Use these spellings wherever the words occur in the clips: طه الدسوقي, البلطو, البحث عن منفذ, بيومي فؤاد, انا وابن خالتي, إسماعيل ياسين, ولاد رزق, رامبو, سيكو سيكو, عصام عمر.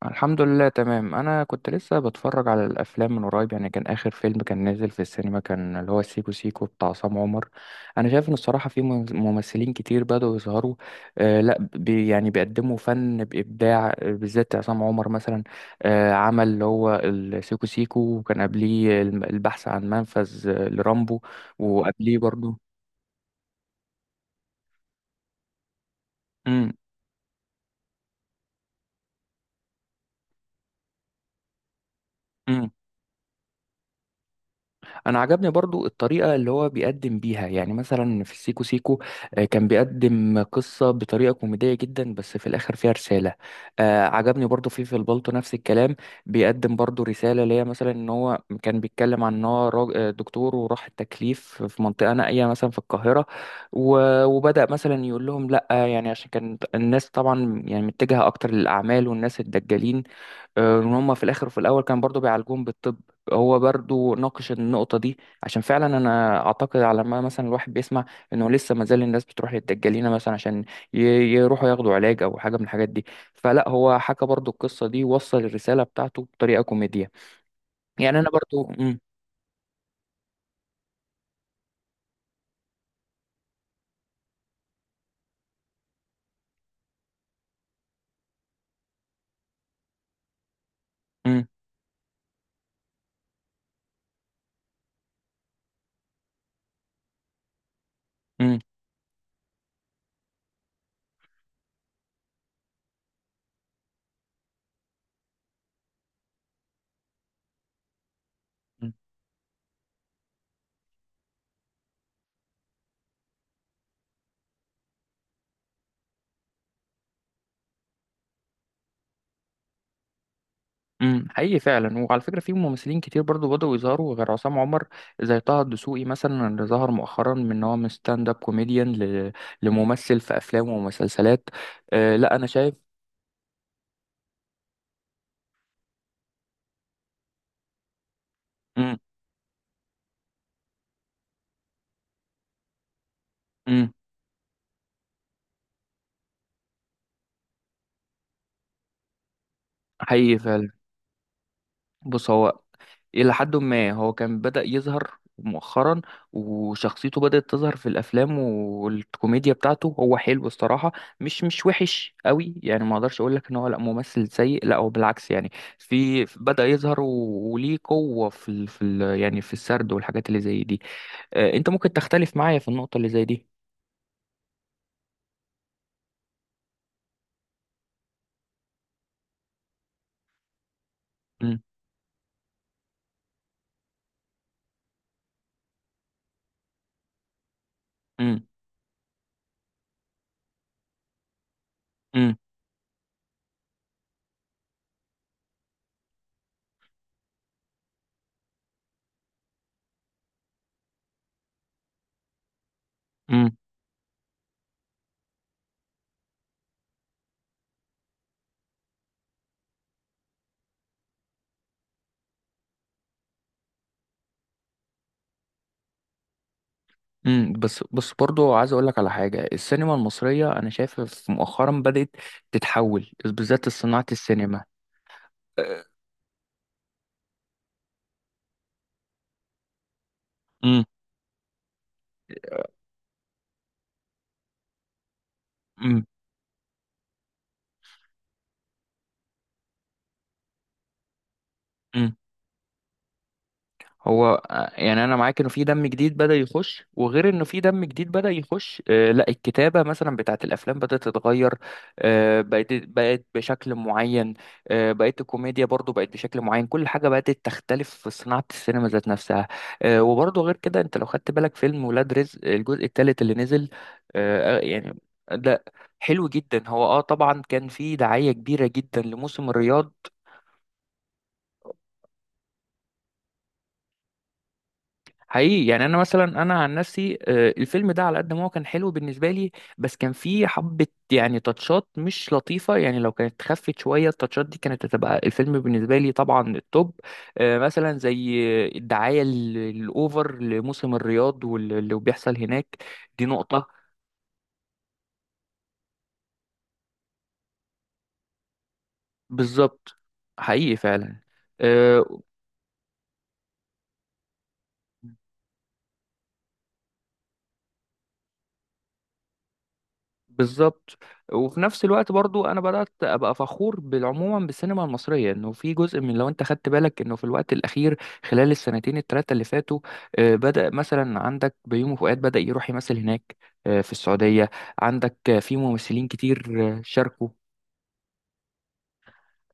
الحمد لله، تمام. انا كنت لسه بتفرج على الافلام من قريب، يعني كان اخر فيلم كان نازل في السينما كان اللي هو سيكو سيكو بتاع عصام عمر. انا شايف ان الصراحه في ممثلين كتير بدأوا يظهروا. لا بي، يعني بيقدموا فن بابداع، بالذات عصام عمر مثلا. عمل اللي هو السيكو سيكو، وكان قبليه البحث عن منفذ، لرامبو. وقبليه برضه. امم. انا عجبني برضو الطريقه اللي هو بيقدم بيها، يعني مثلا في سيكو سيكو كان بيقدم قصه بطريقه كوميديه جدا بس في الاخر فيها رساله. عجبني برضو في البلطو نفس الكلام. بيقدم برضو رساله، اللي هي مثلا ان هو كان بيتكلم عن ان هو دكتور وراح التكليف في منطقه نائيه مثلا في القاهره. وبدا مثلا يقول لهم لا، يعني عشان كان الناس طبعا يعني متجهه اكتر للاعمال والناس الدجالين، ان هم في الاخر وفي الاول كان برضو بيعالجوهم بالطب. هو برضو ناقش النقطة دي، عشان فعلا انا اعتقد على ما مثلا الواحد بيسمع انه لسه ما زال الناس بتروح للدجالين مثلا عشان ي- يروحوا ياخدوا علاج او حاجة من الحاجات دي. فلا، هو حكى برضو القصة دي، وصل الرسالة بتاعته بطريقة كوميدية. يعني انا برضو. مم. مم. حقيقي فعلا. وعلى فكره، في ممثلين كتير برضو بدأوا يظهروا غير عصام عمر، زي طه الدسوقي مثلا اللي ظهر مؤخرا من إن هو من ستاند اب كوميديان لممثل في افلام ومسلسلات. لا، انا شايف. امم. امم. حقيقي فعلا. بص، هو إلى حد ما هو كان بدأ يظهر مؤخرا، وشخصيته بدأت تظهر في الأفلام، والكوميديا بتاعته هو حلو الصراحة. مش وحش قوي، يعني ما أقدرش أقول لك إن هو لا ممثل سيء، لا هو بالعكس يعني. في بدأ يظهر وليه قوة في ال في ال يعني في السرد والحاجات اللي زي دي. أنت ممكن تختلف معايا في النقطة اللي زي دي. مم. مم. مم. مم. مم. بس بس برضو عايز اقول لك على حاجه، السينما المصريه انا شايف مؤخرا بدات تتحول، بالذات صناعه السينما. امم. امم. امم. هو يعني انا معاك انه في دم جديد بدأ يخش، وغير انه في دم جديد بدأ يخش، لا، الكتابة مثلا بتاعت الافلام بدأت تتغير. بقت بقت بشكل معين. بقت الكوميديا برضو بقت بشكل معين، كل حاجة بقت تختلف في صناعة السينما ذات نفسها. وبرضو غير كده، انت لو خدت بالك فيلم ولاد رزق الجزء الثالث اللي نزل، يعني ده حلو جدا. هو طبعا كان في دعاية كبيرة جدا لموسم الرياض. حقيقي، يعني انا مثلا انا عن نفسي، الفيلم ده على قد ما هو كان حلو بالنسبه لي، بس كان فيه حبه يعني تاتشات مش لطيفه، يعني لو كانت خفت شويه التاتشات دي كانت هتبقى الفيلم بالنسبه لي طبعا التوب. مثلا زي الدعايه الاوفر لموسم الرياض واللي بيحصل هناك، دي نقطه. بالظبط. حقيقي فعلا. آه. بالظبط. وفي نفس الوقت برضو انا بدات ابقى فخور بالعموما بالسينما المصريه، انه في جزء من، لو انت خدت بالك انه في الوقت الاخير خلال السنتين الثلاثه اللي فاتوا، بدا مثلا عندك بيومي فؤاد بدا يروح يمثل هناك، في السعوديه. عندك في ممثلين كتير شاركوا.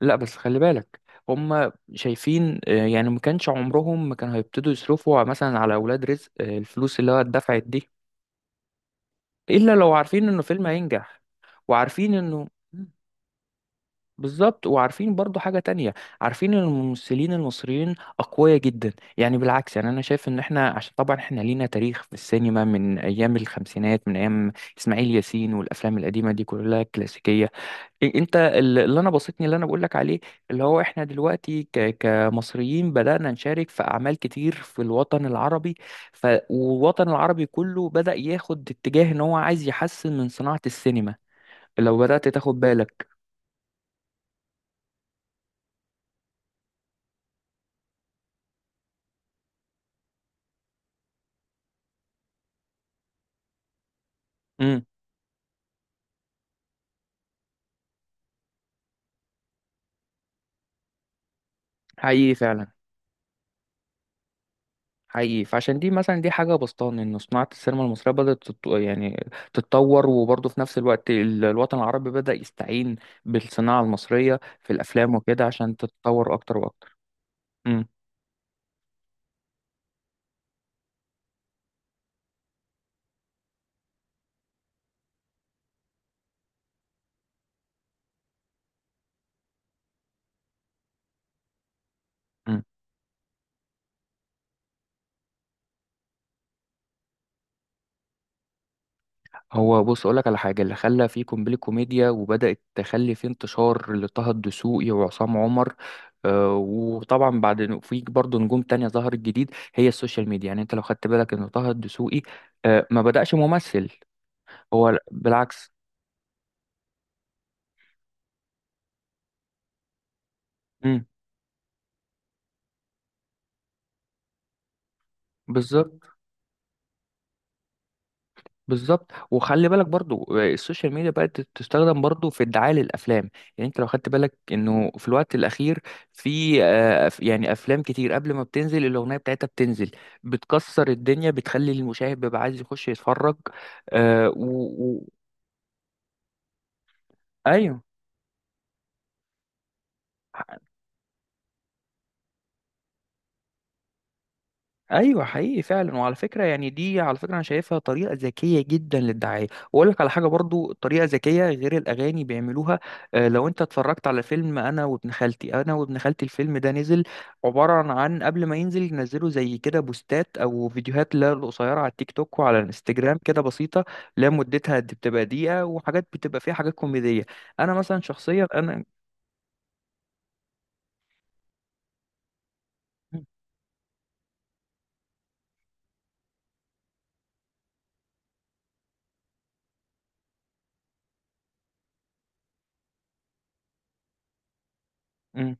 لا بس خلي بالك، هم شايفين، يعني ما كانش عمرهم ما كانوا هيبتدوا يصرفوا مثلا على اولاد رزق الفلوس اللي هو اتدفعت دي، الا لو عارفين انه فيلم هينجح. وعارفين انه، بالظبط. وعارفين برضو حاجة تانية، عارفين ان الممثلين المصريين أقوياء جدا، يعني بالعكس، يعني أنا شايف ان احنا، عشان طبعا احنا لينا تاريخ في السينما من أيام الخمسينات، من أيام إسماعيل ياسين والأفلام القديمة دي كلها كلاسيكية. أنت اللي أنا بسطني اللي أنا بقولك عليه، اللي هو احنا دلوقتي كمصريين بدأنا نشارك في أعمال كتير في الوطن العربي. والوطن العربي كله بدأ ياخد اتجاه ان هو عايز يحسن من صناعة السينما، لو بدأت تاخد بالك. امم. حقيقي فعلا. حقيقي فعشان دي مثلا، دي حاجة بسطان إن صناعة السينما المصرية بدأت يعني تتطور، وبرضه في نفس الوقت الوطن العربي بدأ يستعين بالصناعة المصرية في الأفلام وكده عشان تتطور أكتر وأكتر. مم. مم. هو بص، أقولك على حاجة، اللي خلى في قنبلة كوميديا وبدأت تخلي في انتشار لطه الدسوقي وعصام عمر، وطبعا بعد إنه في برضه نجوم تانية ظهرت جديد، هي السوشيال ميديا. يعني انت لو خدت بالك ان طه الدسوقي ما بدأش ممثل، هو بالعكس. مم. بالظبط، بالظبط. وخلي بالك برضو، السوشيال ميديا بقت تستخدم برضو في الدعاية للأفلام، يعني انت لو خدت بالك انه في الوقت الأخير في يعني أفلام كتير قبل ما بتنزل الأغنية بتاعتها بتنزل بتكسر الدنيا، بتخلي المشاهد بيبقى عايز يخش يتفرج. آه، و... و... أيوه. ايوه، حقيقي فعلا. وعلى فكره يعني دي، على فكره انا شايفها طريقه ذكيه جدا للدعايه، واقول لك على حاجه برضو طريقه ذكيه غير الاغاني بيعملوها. لو انت اتفرجت على فيلم انا وابن خالتي، انا وابن خالتي الفيلم ده نزل عباره عن، قبل ما ينزل ينزلوا زي كده بوستات او فيديوهات، لا قصيره، على التيك توك وعلى الانستجرام كده بسيطه. لا مدتها دي بتبقى دقيقه، وحاجات بتبقى فيها حاجات كوميديه، انا مثلا شخصيا انا.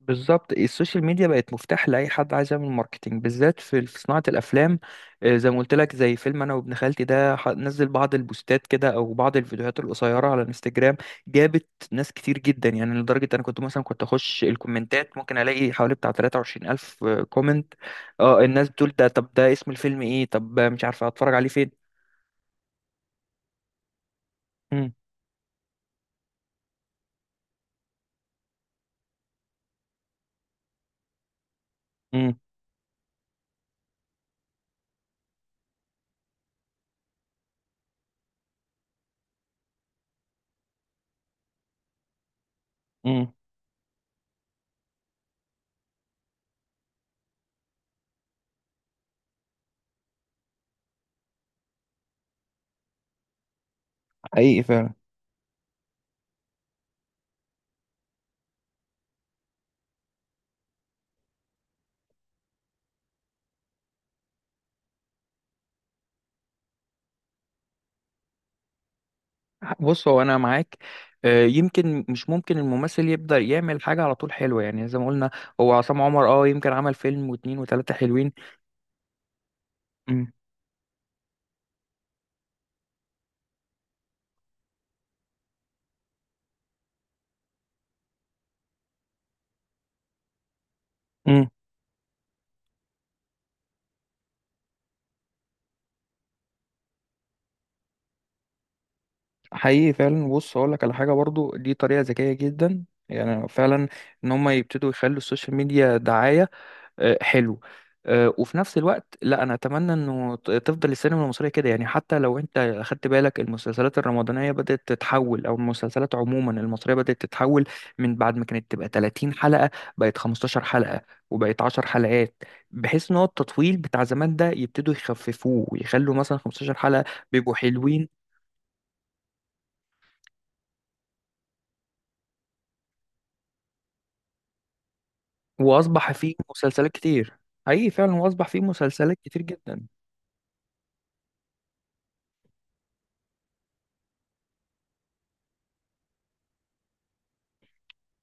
بالظبط. السوشيال ميديا بقت مفتاح لاي حد عايز يعمل ماركتينج، بالذات في صناعه الافلام. زي ما قلت لك، زي فيلم انا وابن خالتي ده نزل بعض البوستات كده او بعض الفيديوهات القصيره على الانستجرام، جابت ناس كتير جدا. يعني لدرجه انا كنت مثلا كنت اخش الكومنتات ممكن الاقي حوالي بتاع 23000 الف كومنت. اه الناس بتقول ده، طب ده اسم الفيلم ايه، طب مش عارفه اتفرج عليه فين. امم. امم. امم. حقيقي فعلا. بص، هو انا معاك، يمكن مش ممكن الممثل يبدأ يعمل حاجة على طول حلوة، يعني زي ما قلنا هو عصام عمر يمكن عمل فيلم واتنين وتلاتة حلوين. امم. امم. حقيقي فعلا. بص هقول لك على حاجة برضو، دي طريقة ذكية جدا يعني فعلا، ان هم يبتدوا يخلوا السوشيال ميديا دعاية. حلو. وفي نفس الوقت لا، انا اتمنى انه تفضل السينما المصريه كده، يعني حتى لو انت اخدت بالك المسلسلات الرمضانيه بدات تتحول، او المسلسلات عموما المصريه بدات تتحول من بعد ما كانت تبقى 30 حلقه، بقت 15 حلقه وبقت 10 حلقات، بحيث ان هو التطويل بتاع زمان ده يبتدوا يخففوه ويخلوا مثلا 15 حلقه، بيبقوا حلوين، واصبح فيه مسلسلات كتير. حقيقي فعلا، واصبح فيه مسلسلات كتير جدا.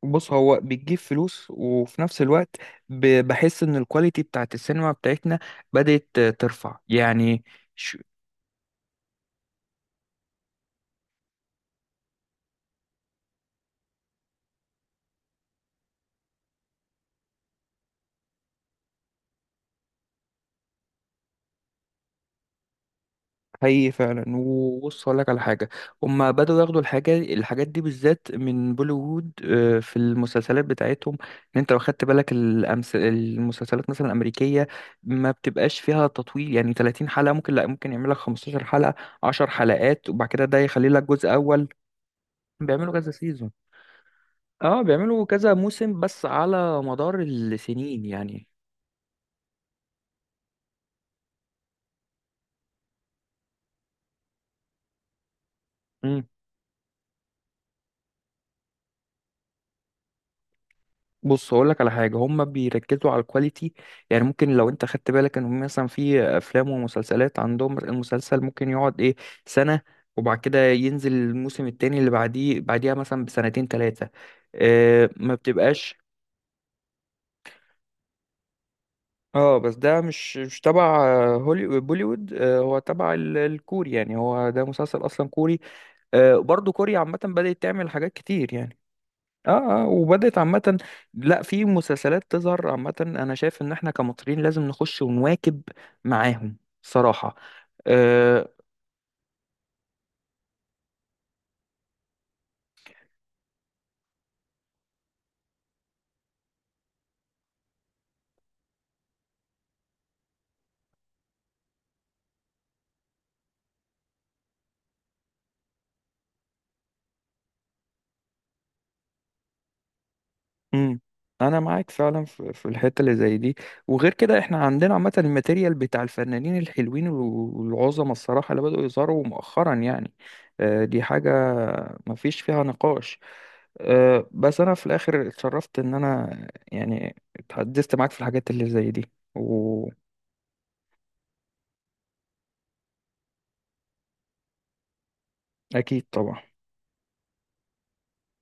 بص هو بتجيب فلوس، وفي نفس الوقت بحس ان الكواليتي بتاعت السينما بتاعتنا بدأت ترفع يعني. ش- حقيقي فعلا. وبص هقول لك على حاجه، هما بدأوا ياخدوا الحاجات دي بالذات من بوليوود، في المسلسلات بتاعتهم، ان انت لو خدت بالك المسلسلات مثلا الامريكيه ما بتبقاش فيها تطويل، يعني 30 حلقه ممكن، لا ممكن يعمل لك 15 حلقه، 10 حلقات، وبعد كده ده يخلي لك جزء اول. بيعملوا كذا سيزون. اه بيعملوا كذا موسم بس على مدار السنين يعني. امم. بص هقول لك على حاجه، هم بيركزوا على الكواليتي، يعني ممكن لو انت خدت بالك ان هم مثلا في افلام ومسلسلات عندهم، المسلسل ممكن يقعد ايه، سنه، وبعد كده ينزل الموسم التاني اللي بعديها مثلا بسنتين ثلاثه. ما بتبقاش. اه بس ده مش تبع بوليوود. هو تبع الكوري، يعني هو ده مسلسل اصلا كوري. برضو كوريا عامه بدأت تعمل حاجات كتير يعني. اه، اه، وبدأت عامة، لا، في مسلسلات تظهر عامة. انا شايف ان احنا كمصريين لازم نخش ونواكب معاهم صراحة. آه. امم. انا معاك فعلا في الحتة اللي زي دي. وغير كده احنا عندنا عامة الماتيريال بتاع الفنانين الحلوين والعظمى الصراحة اللي بدأوا يظهروا مؤخرا، يعني دي حاجة مفيش فيها نقاش. بس انا في الاخر اتشرفت ان انا يعني اتحدثت معاك في الحاجات اللي زي دي. واكيد طبعا.